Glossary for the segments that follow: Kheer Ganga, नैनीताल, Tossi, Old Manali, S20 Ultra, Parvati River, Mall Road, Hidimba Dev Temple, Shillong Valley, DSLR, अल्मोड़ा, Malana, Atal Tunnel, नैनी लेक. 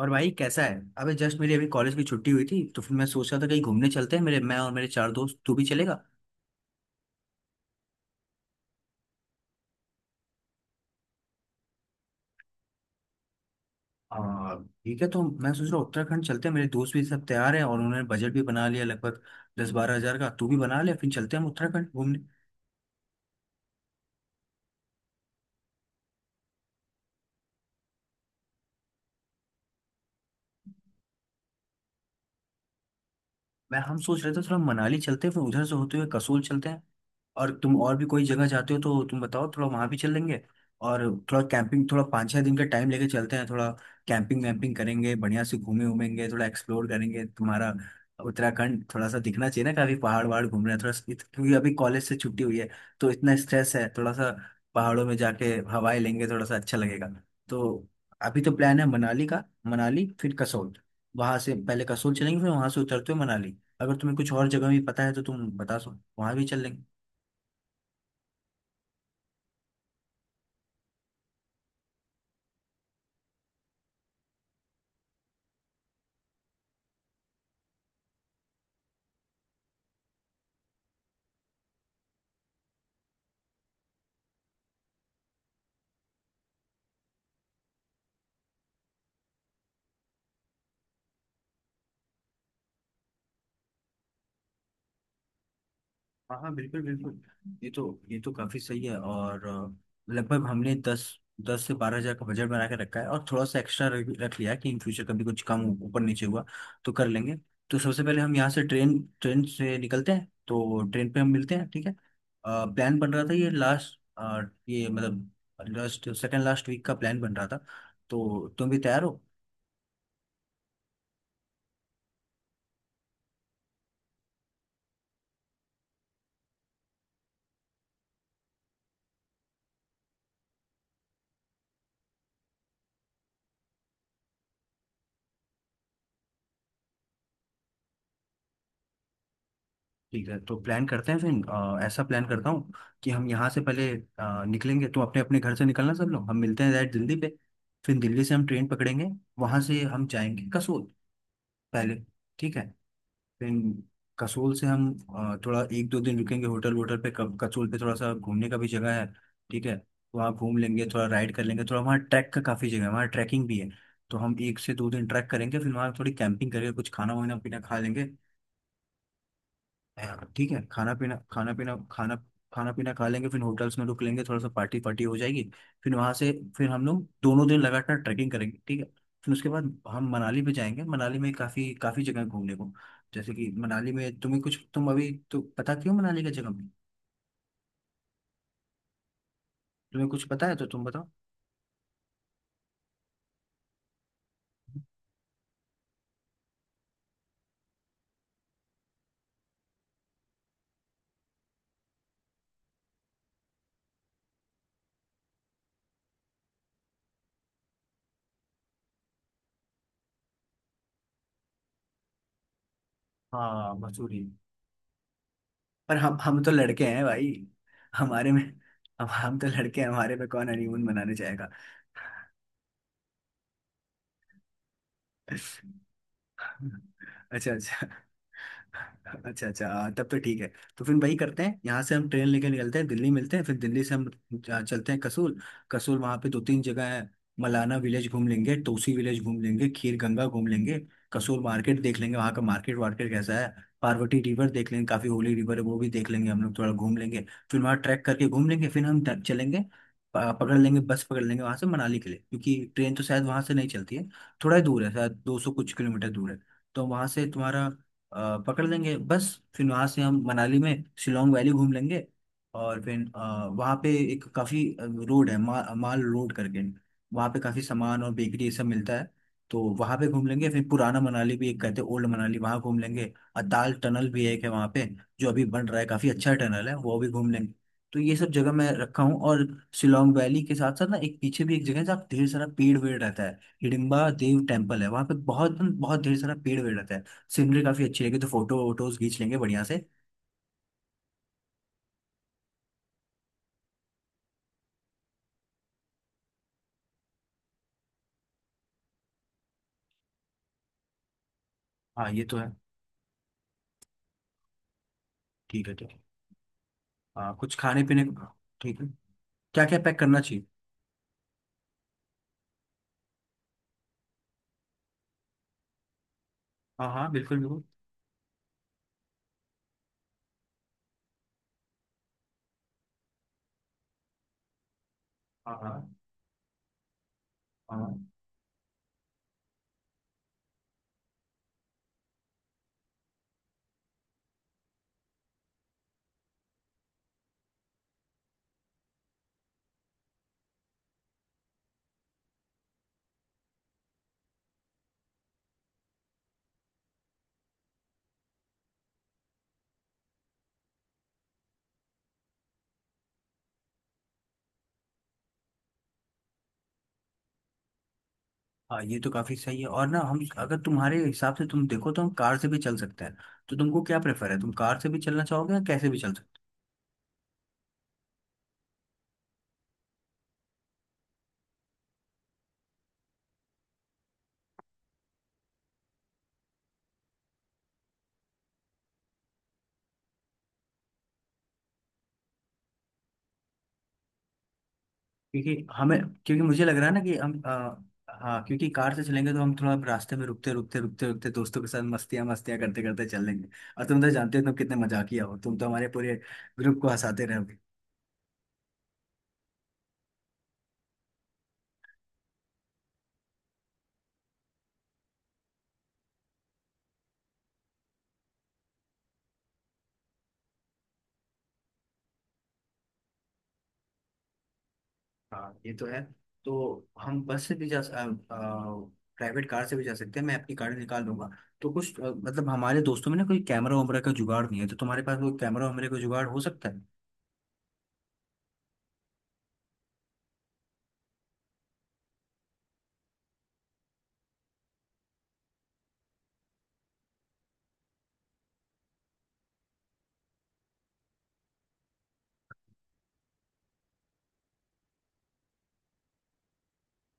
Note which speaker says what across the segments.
Speaker 1: और भाई कैसा है अबे जस्ट मेरी अभी कॉलेज की छुट्टी हुई थी, तो फिर मैं सोच रहा था कहीं घूमने चलते हैं। मेरे मैं और मेरे 4 दोस्त, तू भी चलेगा? आ, ठीक है, तो मैं सोच रहा हूँ उत्तराखंड चलते हैं। मेरे दोस्त भी सब तैयार हैं और उन्होंने बजट भी बना लिया लगभग 10-12 हज़ार का। तू भी बना ले, फिर चलते हैं हम उत्तराखंड घूमने। मैं हम सोच रहे थे थोड़ा मनाली चलते हैं, फिर उधर से होते हुए कसोल चलते हैं। और तुम और भी कोई जगह जाते हो तो तुम बताओ, थोड़ा वहां भी चल लेंगे। और थोड़ा कैंपिंग, थोड़ा 5-6 दिन का टाइम लेके चलते हैं। थोड़ा कैंपिंग वैम्पिंग करेंगे, बढ़िया से घूमे घूमेंगे, थोड़ा एक्सप्लोर करेंगे। तुम्हारा उत्तराखंड थोड़ा सा दिखना चाहिए ना, काफी पहाड़ वहाड़ घूम रहे हैं थोड़ा। क्योंकि अभी कॉलेज से छुट्टी हुई है तो इतना स्ट्रेस है थोड़ा सा। पहाड़ों में जाके हवाएं लेंगे, थोड़ा सा अच्छा लगेगा। तो अभी तो प्लान है मनाली का, मनाली फिर कसोल। वहां से पहले कसोल चलेंगे, फिर वहां से उतरते हुए मनाली। अगर तुम्हें कुछ और जगह भी पता है तो तुम बता सो, वहां भी चल लेंगे। हाँ हाँ बिल्कुल बिल्कुल। ये तो काफी सही है। और लगभग हमने दस 10 से 12 हज़ार का बजट बना के रखा है, और थोड़ा सा एक्स्ट्रा रख रख लिया है कि इन फ्यूचर कभी कुछ कम ऊपर नीचे हुआ तो कर लेंगे। तो सबसे पहले हम यहाँ से ट्रेन ट्रेन से निकलते हैं, तो ट्रेन पे हम मिलते हैं, ठीक है? प्लान बन रहा था ये लास्ट, ये मतलब लास्ट सेकंड लास्ट वीक का प्लान बन रहा था। तो तुम भी तैयार हो। ठीक है, तो प्लान करते हैं फिर। ऐसा प्लान करता हूँ कि हम यहाँ से पहले निकलेंगे, तो अपने अपने घर से निकलना सब लोग, हम मिलते हैं डायरेक्ट दिल्ली पे। फिर दिल्ली से हम ट्रेन पकड़ेंगे, वहाँ से हम जाएंगे कसोल, पहले। ठीक है। फिर कसोल से हम थोड़ा 1-2 दिन रुकेंगे होटल वोटल पे। कसोल पे थोड़ा सा घूमने का भी जगह है, ठीक है? तो वहाँ घूम लेंगे, थोड़ा राइड कर लेंगे। थोड़ा वहाँ ट्रैक का काफ़ी जगह है, वहाँ ट्रैकिंग भी है। तो हम 1 से 2 दिन ट्रैक करेंगे, फिर वहाँ थोड़ी कैंपिंग करके कुछ खाना वाना पीना खा लेंगे। हाँ, ठीक है। खाना पीना खा लेंगे, फिर होटल्स में रुक लेंगे। थोड़ा सा पार्टी पार्टी हो जाएगी। फिर वहां से, फिर हम लोग दोनों दिन लगातार ट्रैकिंग करेंगे, ठीक है? फिर उसके बाद हम मनाली पे जाएंगे। मनाली में काफी काफी जगह है घूमने को। जैसे कि मनाली में तुम्हें कुछ, तुम अभी तो पता क्यों मनाली का जगह में, तुम्हें कुछ पता है तो तुम बताओ। हाँ मसूरी। पर हम तो लड़के हैं भाई, हमारे में, हम तो लड़के हैं, हमारे में कौन हनीमून मनाने जाएगा? अच्छा अच्छा। अच्छा अच्छा, हाँ, तब तो ठीक है। तो फिर वही करते हैं, यहाँ से हम ट्रेन लेके निकलते हैं, दिल्ली मिलते हैं, फिर दिल्ली से हम चलते हैं कसूल। कसूल वहाँ पे 2-3 जगह है। मलाना विलेज घूम लेंगे, तोसी विलेज घूम लेंगे, खीर गंगा घूम लेंगे, कसूल मार्केट देख लेंगे, वहाँ का मार्केट वार्केट कैसा है। पार्वती रिवर देख लेंगे, काफी होली रिवर है, वो भी देख लेंगे हम लोग, थोड़ा घूम लेंगे। फिर वहाँ ट्रैक करके घूम लेंगे, फिर हम चलेंगे, पकड़ लेंगे बस, पकड़ लेंगे वहाँ से मनाली के लिए, क्योंकि ट्रेन तो शायद वहाँ से नहीं चलती है। थोड़ा ही दूर है, शायद 200 कुछ किलोमीटर दूर है। तो वहां से तुम्हारा, पकड़ लेंगे बस। फिर वहां से हम मनाली में शिलोंग वैली घूम लेंगे। और फिर वहाँ पे एक काफी रोड है, माल रोड करके। वहाँ पे काफी सामान और बेकरी ये सब मिलता है, तो वहाँ पे घूम लेंगे। फिर पुराना मनाली भी एक कहते हैं, ओल्ड मनाली, वहाँ घूम लेंगे। अताल टनल भी एक है वहाँ पे, जो अभी बन रहा है, काफी अच्छा टनल है, वो भी घूम लेंगे। तो ये सब जगह मैं रखा हूँ। और शिलोंग वैली के साथ साथ ना, एक पीछे भी एक जगह है जहाँ ढेर सारा पेड़ वेड़ रहता है। हिडिम्बा देव टेम्पल है वहां पे, बहुत बहुत ढेर सारा पेड़ वेड़ रहता है। सीनरी काफी अच्छी रहेगी, तो फोटो वोटोज खींच लेंगे बढ़िया से। हाँ ये तो है, ठीक है ठीक है। हाँ कुछ खाने पीने को, ठीक है। क्या क्या पैक करना चाहिए? हाँ हाँ बिल्कुल बिल्कुल। हाँ हाँ। हाँ हाँ। ये तो काफी सही है। और ना हम अगर तुम्हारे हिसाब से, तुम देखो तो हम कार से भी चल सकते हैं। तो तुमको क्या प्रेफर है? तुम कार से भी चलना चाहोगे या कैसे भी चल। क्योंकि हमें, क्योंकि मुझे लग रहा है ना कि हम हाँ, क्योंकि कार से चलेंगे तो हम थोड़ा रास्ते में रुकते रुकते रुकते रुकते दोस्तों के साथ मस्तियाँ मस्तियाँ करते करते चलेंगे। और तुम तो जानते हो तुम कितने मजाकिया हो, तुम तो हमारे पूरे ग्रुप को हंसाते रहे हो। हाँ ये तो है। तो हम बस से भी जा, प्राइवेट कार से भी जा सकते हैं, मैं अपनी कार निकाल लूंगा। तो कुछ मतलब हमारे दोस्तों में ना कोई कैमरा वैमरा का जुगाड़ नहीं है, तो तुम्हारे पास वो कैमरा वैमरे का जुगाड़ हो सकता है।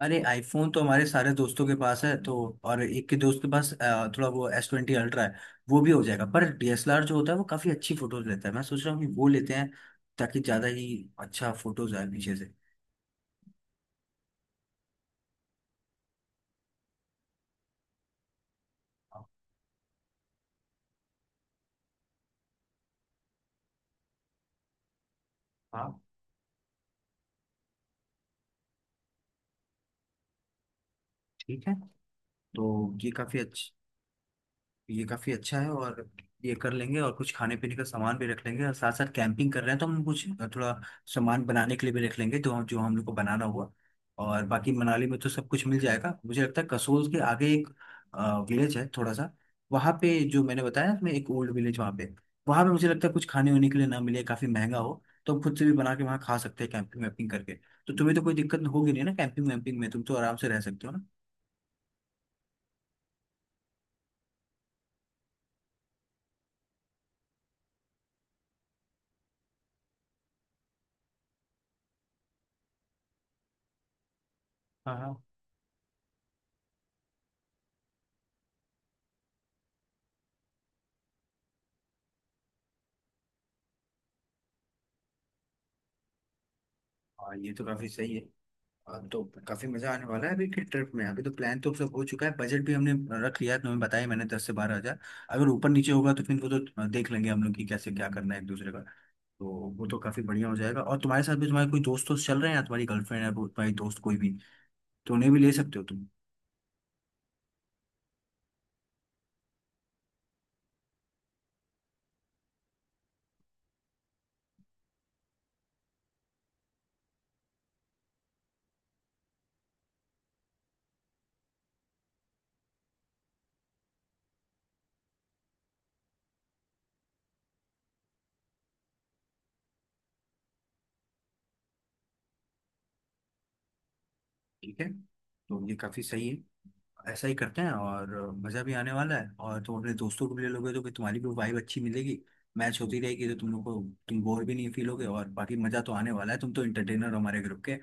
Speaker 1: अरे iPhone तो हमारे सारे दोस्तों के पास है तो। और एक के दोस्त के पास थोड़ा वो S20 Ultra है, वो भी हो जाएगा। पर DSLR जो होता है वो काफी अच्छी फोटोज लेता है, मैं सोच रहा हूँ कि वो लेते हैं, ताकि ज्यादा ही अच्छा फोटोज आए पीछे से। हाँ ठीक है। तो ये काफी अच्छा, ये काफी अच्छा है। और ये कर लेंगे, और कुछ खाने पीने का सामान भी रख लेंगे, और साथ साथ कैंपिंग कर रहे हैं तो हम कुछ थोड़ा सामान बनाने के लिए भी रख लेंगे, तो हम जो हम लोग को बनाना हुआ। और बाकी मनाली में तो सब कुछ मिल जाएगा, मुझे लगता है कसोल के आगे एक विलेज है थोड़ा सा, वहाँ पे जो मैंने बताया ना, मैं एक ओल्ड विलेज वहाँ पे, वहाँ पे मुझे लगता है कुछ खाने होने के लिए ना मिले, काफी महंगा हो। तो हम खुद से भी बना के वहाँ खा सकते हैं, कैंपिंग वैम्पिंग करके। तो तुम्हें तो कोई दिक्कत होगी नहीं ना कैंपिंग वैम्पिंग में? तुम तो आराम से रह सकते हो ना। हाँ हाँ। हाँ। ये तो काफी सही है। हाँ, तो काफी मजा आने वाला है अभी के ट्रिप में। अभी तो प्लान तो सब हो चुका है, बजट भी हमने रख लिया है, तुम्हें बताया मैंने 10 से 12 हज़ार। अगर ऊपर नीचे होगा तो फिर वो तो देख लेंगे हम लोग कि कैसे क्या करना है एक दूसरे का। तो वो तो काफी बढ़िया हो जाएगा। और तुम्हारे साथ भी तुम्हारे कोई दोस्त दोस्त चल रहे हैं या तुम्हारी गर्लफ्रेंड है वो, तुम्हारी दोस्त कोई भी, तो उन्हें भी ले सकते हो तुम। ठीक है, तो ये काफी सही है। ऐसा ही करते हैं, और मजा भी आने वाला है। और तुम अपने दोस्तों को भी ले लोगे तो फिर तुम्हारी भी वाइब अच्छी मिलेगी, मैच होती रहेगी, तो तुम लोग को तुम बोर भी नहीं फील होगे। और बाकी मजा तो आने वाला है, तुम तो इंटरटेनर हो हमारे ग्रुप के।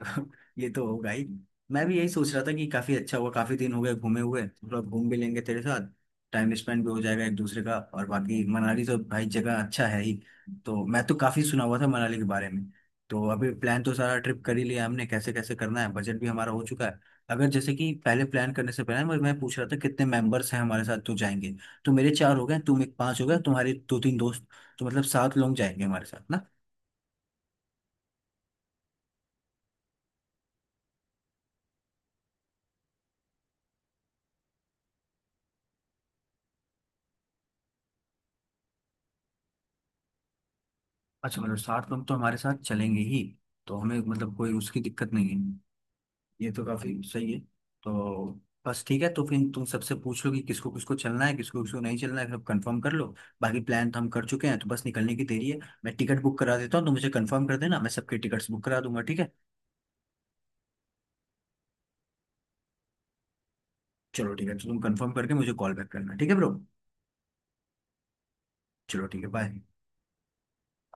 Speaker 1: ये तो होगा ही। मैं भी यही सोच रहा था कि काफी अच्छा हुआ, काफी दिन हो गए घूमे हुए, थोड़ा घूम भी लेंगे तेरे साथ, टाइम स्पेंड भी हो जाएगा एक दूसरे का। और बाकी मनाली तो भाई जगह अच्छा है ही, तो मैं तो काफी सुना हुआ था मनाली के बारे में। तो अभी प्लान तो सारा ट्रिप कर ही लिया हमने, कैसे कैसे करना है, बजट भी हमारा हो चुका है। अगर जैसे कि पहले प्लान करने से पहले मैं पूछ रहा था कितने मेंबर्स हैं हमारे साथ तो जाएंगे। तो मेरे चार हो गए, तुम एक पांच हो गए, तुम्हारे 2-3 दोस्त, तो मतलब 7 लोग जाएंगे हमारे साथ ना? अच्छा, मतलब 7 लोग तो हमारे साथ चलेंगे ही। तो हमें मतलब कोई उसकी दिक्कत नहीं है। ये तो काफी सही है। तो बस ठीक है, तो फिर तुम सबसे पूछ लो कि किसको किसको चलना है, किसको किसको नहीं चलना है, सब कंफर्म कर लो। बाकी प्लान तो हम कर चुके हैं, तो बस निकलने की देरी है। मैं टिकट बुक करा देता हूँ, तो मुझे कंफर्म कर देना, मैं सबके टिकट्स बुक करा दूंगा, ठीक है? चलो ठीक है, तो तुम कंफर्म करके मुझे कॉल बैक करना, ठीक है ब्रो? चलो ठीक है, बाय।